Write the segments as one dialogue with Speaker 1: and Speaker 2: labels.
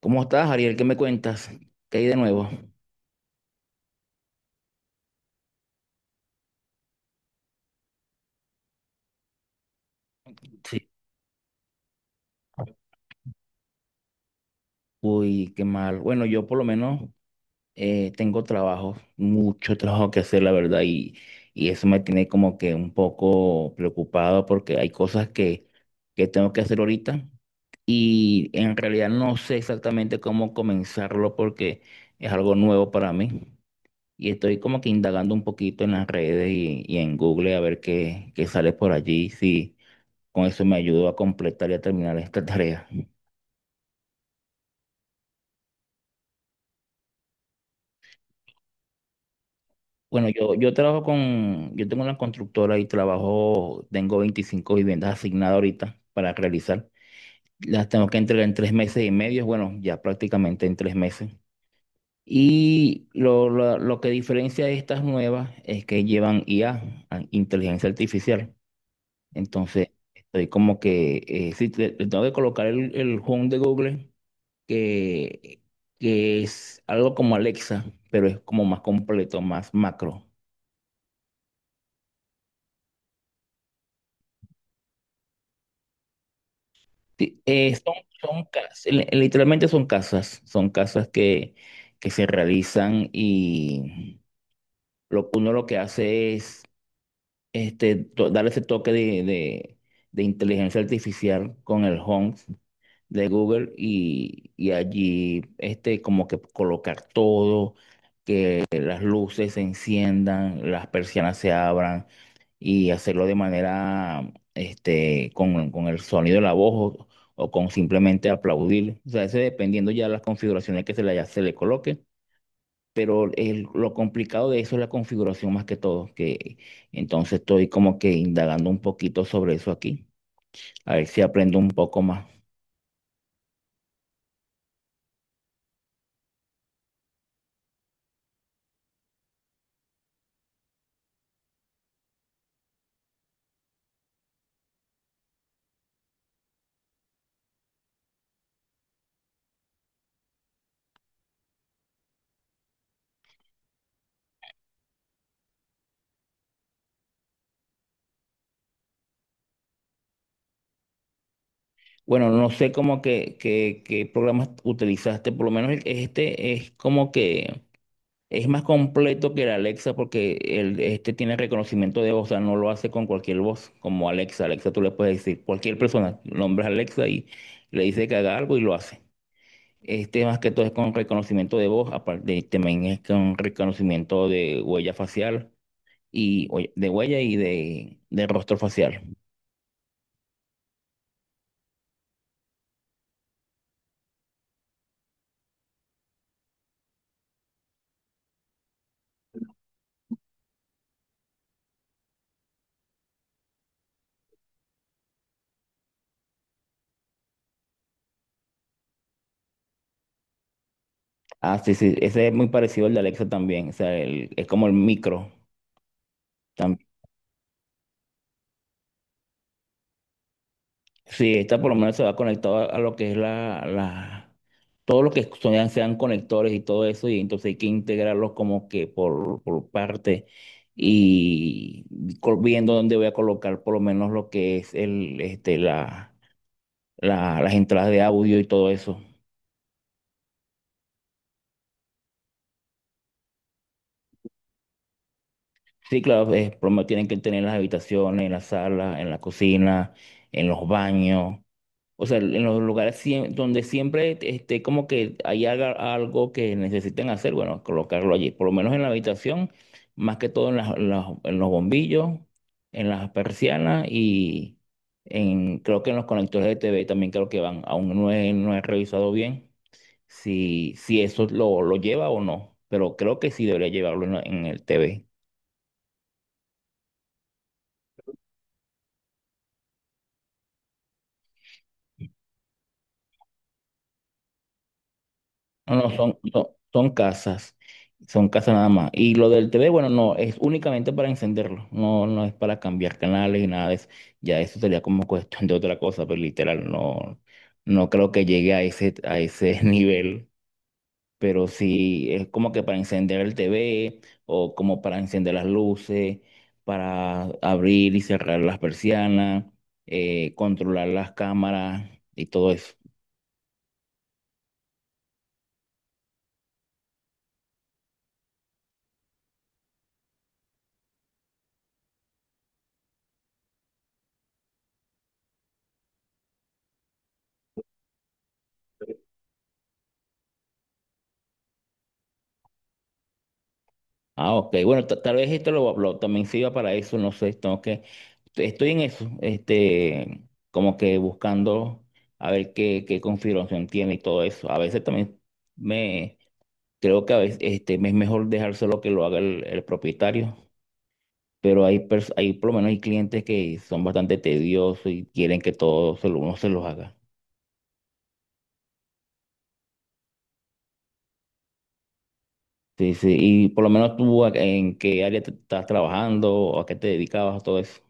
Speaker 1: ¿Cómo estás, Ariel? ¿Qué me cuentas? ¿Qué hay de nuevo? Sí. Uy, qué mal. Bueno, yo por lo menos tengo trabajo, mucho trabajo que hacer, la verdad, y eso me tiene como que un poco preocupado porque hay cosas que tengo que hacer ahorita y en realidad no sé exactamente cómo comenzarlo porque es algo nuevo para mí y estoy como que indagando un poquito en las redes y en Google a ver qué sale por allí, si con eso me ayudó a completar y a terminar esta tarea. Bueno, yo tengo una constructora tengo 25 viviendas asignadas ahorita para realizar. Las tengo que entregar en 3 meses y medio, bueno, ya prácticamente en 3 meses. Y lo que diferencia de estas nuevas es que llevan IA, inteligencia artificial. Entonces, estoy como que, sí, le tengo que colocar el Home de Google que, que es algo como Alexa, pero es como más completo, más macro. Sí, son casas, literalmente son casas que se realizan y uno lo que hace es dar ese toque de inteligencia artificial con el Home de Google y allí como que colocar todo, que las luces se enciendan, las persianas se abran y hacerlo de manera, con el sonido de la voz o con simplemente aplaudir. O sea, eso dependiendo ya las configuraciones que se le coloque. Pero lo complicado de eso es la configuración más que todo, que entonces estoy como que indagando un poquito sobre eso aquí, a ver si aprendo un poco más. Bueno, no sé qué programas utilizaste, por lo menos este es como que Es más completo que el Alexa porque este tiene reconocimiento de voz, o sea, no lo hace con cualquier voz, como Alexa. Alexa tú le puedes decir cualquier persona, nombres Alexa y le dice que haga algo y lo hace. Este más que todo es con reconocimiento de voz, aparte también es con reconocimiento de huella facial y oye, de huella y de rostro facial. Ah, sí, sí, ese es muy parecido al de Alexa también, o sea, es como el micro. Sí, esta por lo menos se va conectado a lo que es todo lo que sean conectores y todo eso, y entonces hay que integrarlos como que por parte y viendo dónde voy a colocar por lo menos lo que es el, este, la- las entradas de audio y todo eso. Sí, claro, por lo menos tienen que tener las habitaciones, en la sala, en la cocina, en los baños. O sea, en los lugares donde siempre esté como que algo que necesiten hacer, bueno, colocarlo allí. Por lo menos en la habitación, más que todo en los bombillos, en las persianas y creo que en los conectores de TV también creo que van. Aún no he revisado bien si eso lo lleva o no, pero creo que sí debería llevarlo en el TV. No, no, son casas, son casas nada más. Y lo del TV, bueno, no, es únicamente para encenderlo, no, no es para cambiar canales y nada de eso. Ya eso sería como cuestión de otra cosa, pero literal, no, no creo que llegue a ese nivel. Pero sí, es como que para encender el TV o como para encender las luces, para abrir y cerrar las persianas, controlar las cámaras y todo eso. Ah, ok. Bueno, tal vez esto también sirva para eso, no sé, estoy en eso, como que buscando a ver qué configuración tiene y todo eso. A veces también me, creo que a veces me es mejor dejárselo que lo haga el propietario, pero por lo menos hay clientes que son bastante tediosos y quieren que todo uno se los haga. Sí, sí, y por lo menos tú, en qué área te estás trabajando o a qué te dedicabas, todo eso?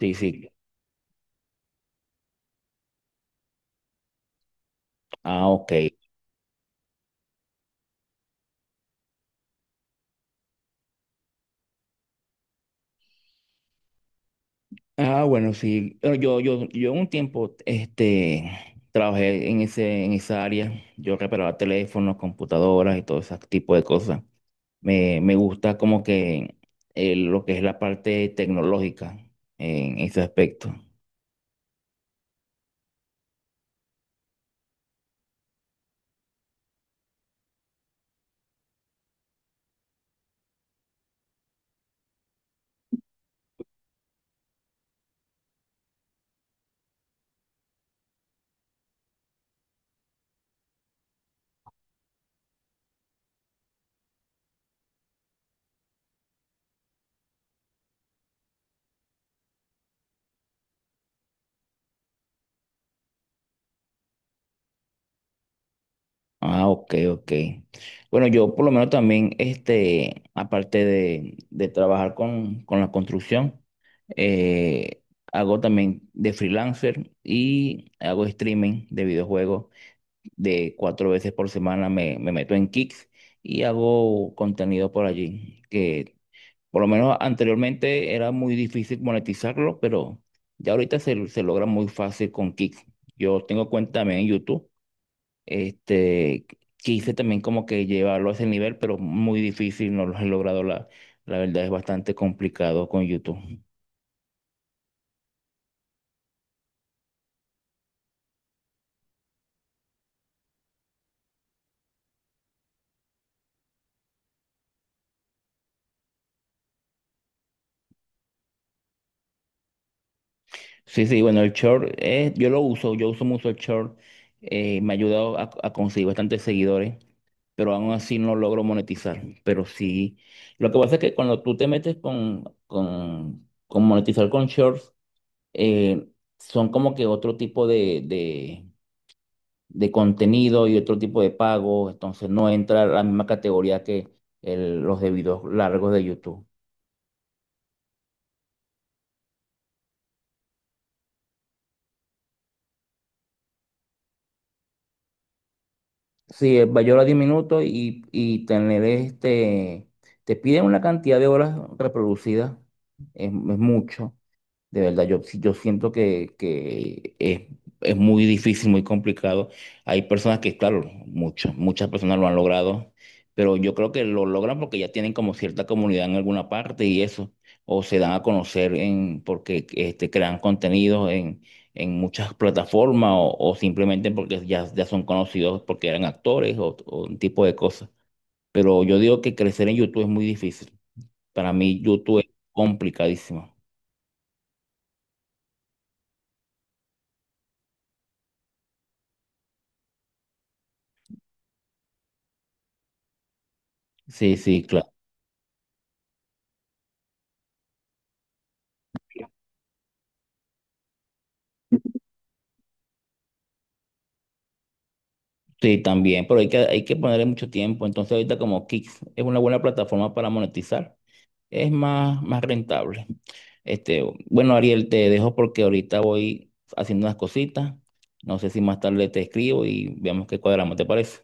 Speaker 1: Sí, sí. Ah, ok. Ah, bueno, sí. Yo un tiempo, trabajé en esa área. Yo reparaba teléfonos, computadoras y todo ese tipo de cosas. Me gusta como que lo que es la parte tecnológica en ese aspecto. Ah, ok, ok. Bueno, yo por lo menos también, aparte de trabajar con la construcción, eh, hago también de freelancer y hago streaming de videojuegos. De cuatro veces por semana me meto en Kicks y hago contenido por allí, que por lo menos anteriormente era muy difícil monetizarlo, pero ya ahorita se logra muy fácil con Kicks. Yo tengo cuenta también en YouTube, este, quise también como que llevarlo a ese nivel, pero muy difícil, no lo he logrado, la verdad es bastante complicado con YouTube. Sí, sí, bueno, el short, yo uso mucho el short, me ha ayudado a conseguir bastantes seguidores, pero aún así no logro monetizar. Pero sí, lo que pasa es que cuando tú te metes con monetizar con shorts, eh, son como que otro tipo de contenido y otro tipo de pago, entonces no entra a la misma categoría que los de videos largos de YouTube. Sí, Bayola 10 minutos y tener te piden una cantidad de horas reproducidas, es mucho. De verdad, yo, sí, yo siento que es muy difícil, muy complicado. Hay personas que, claro, muchas, muchas personas lo han logrado, pero yo creo que lo logran porque ya tienen como cierta comunidad en alguna parte y eso, o se dan a conocer porque crean contenidos en muchas plataformas o simplemente porque ya son conocidos porque eran actores o un tipo de cosas. Pero yo digo que crecer en YouTube es muy difícil. Para mí, YouTube es complicadísimo. Sí, sí, claro. Sí, también, pero hay que ponerle mucho tiempo. Entonces ahorita como Kick es una buena plataforma para monetizar, es más, más rentable. Este, bueno, Ariel, te dejo porque ahorita voy haciendo unas cositas. No sé si más tarde te escribo y veamos qué cuadramos, ¿te parece?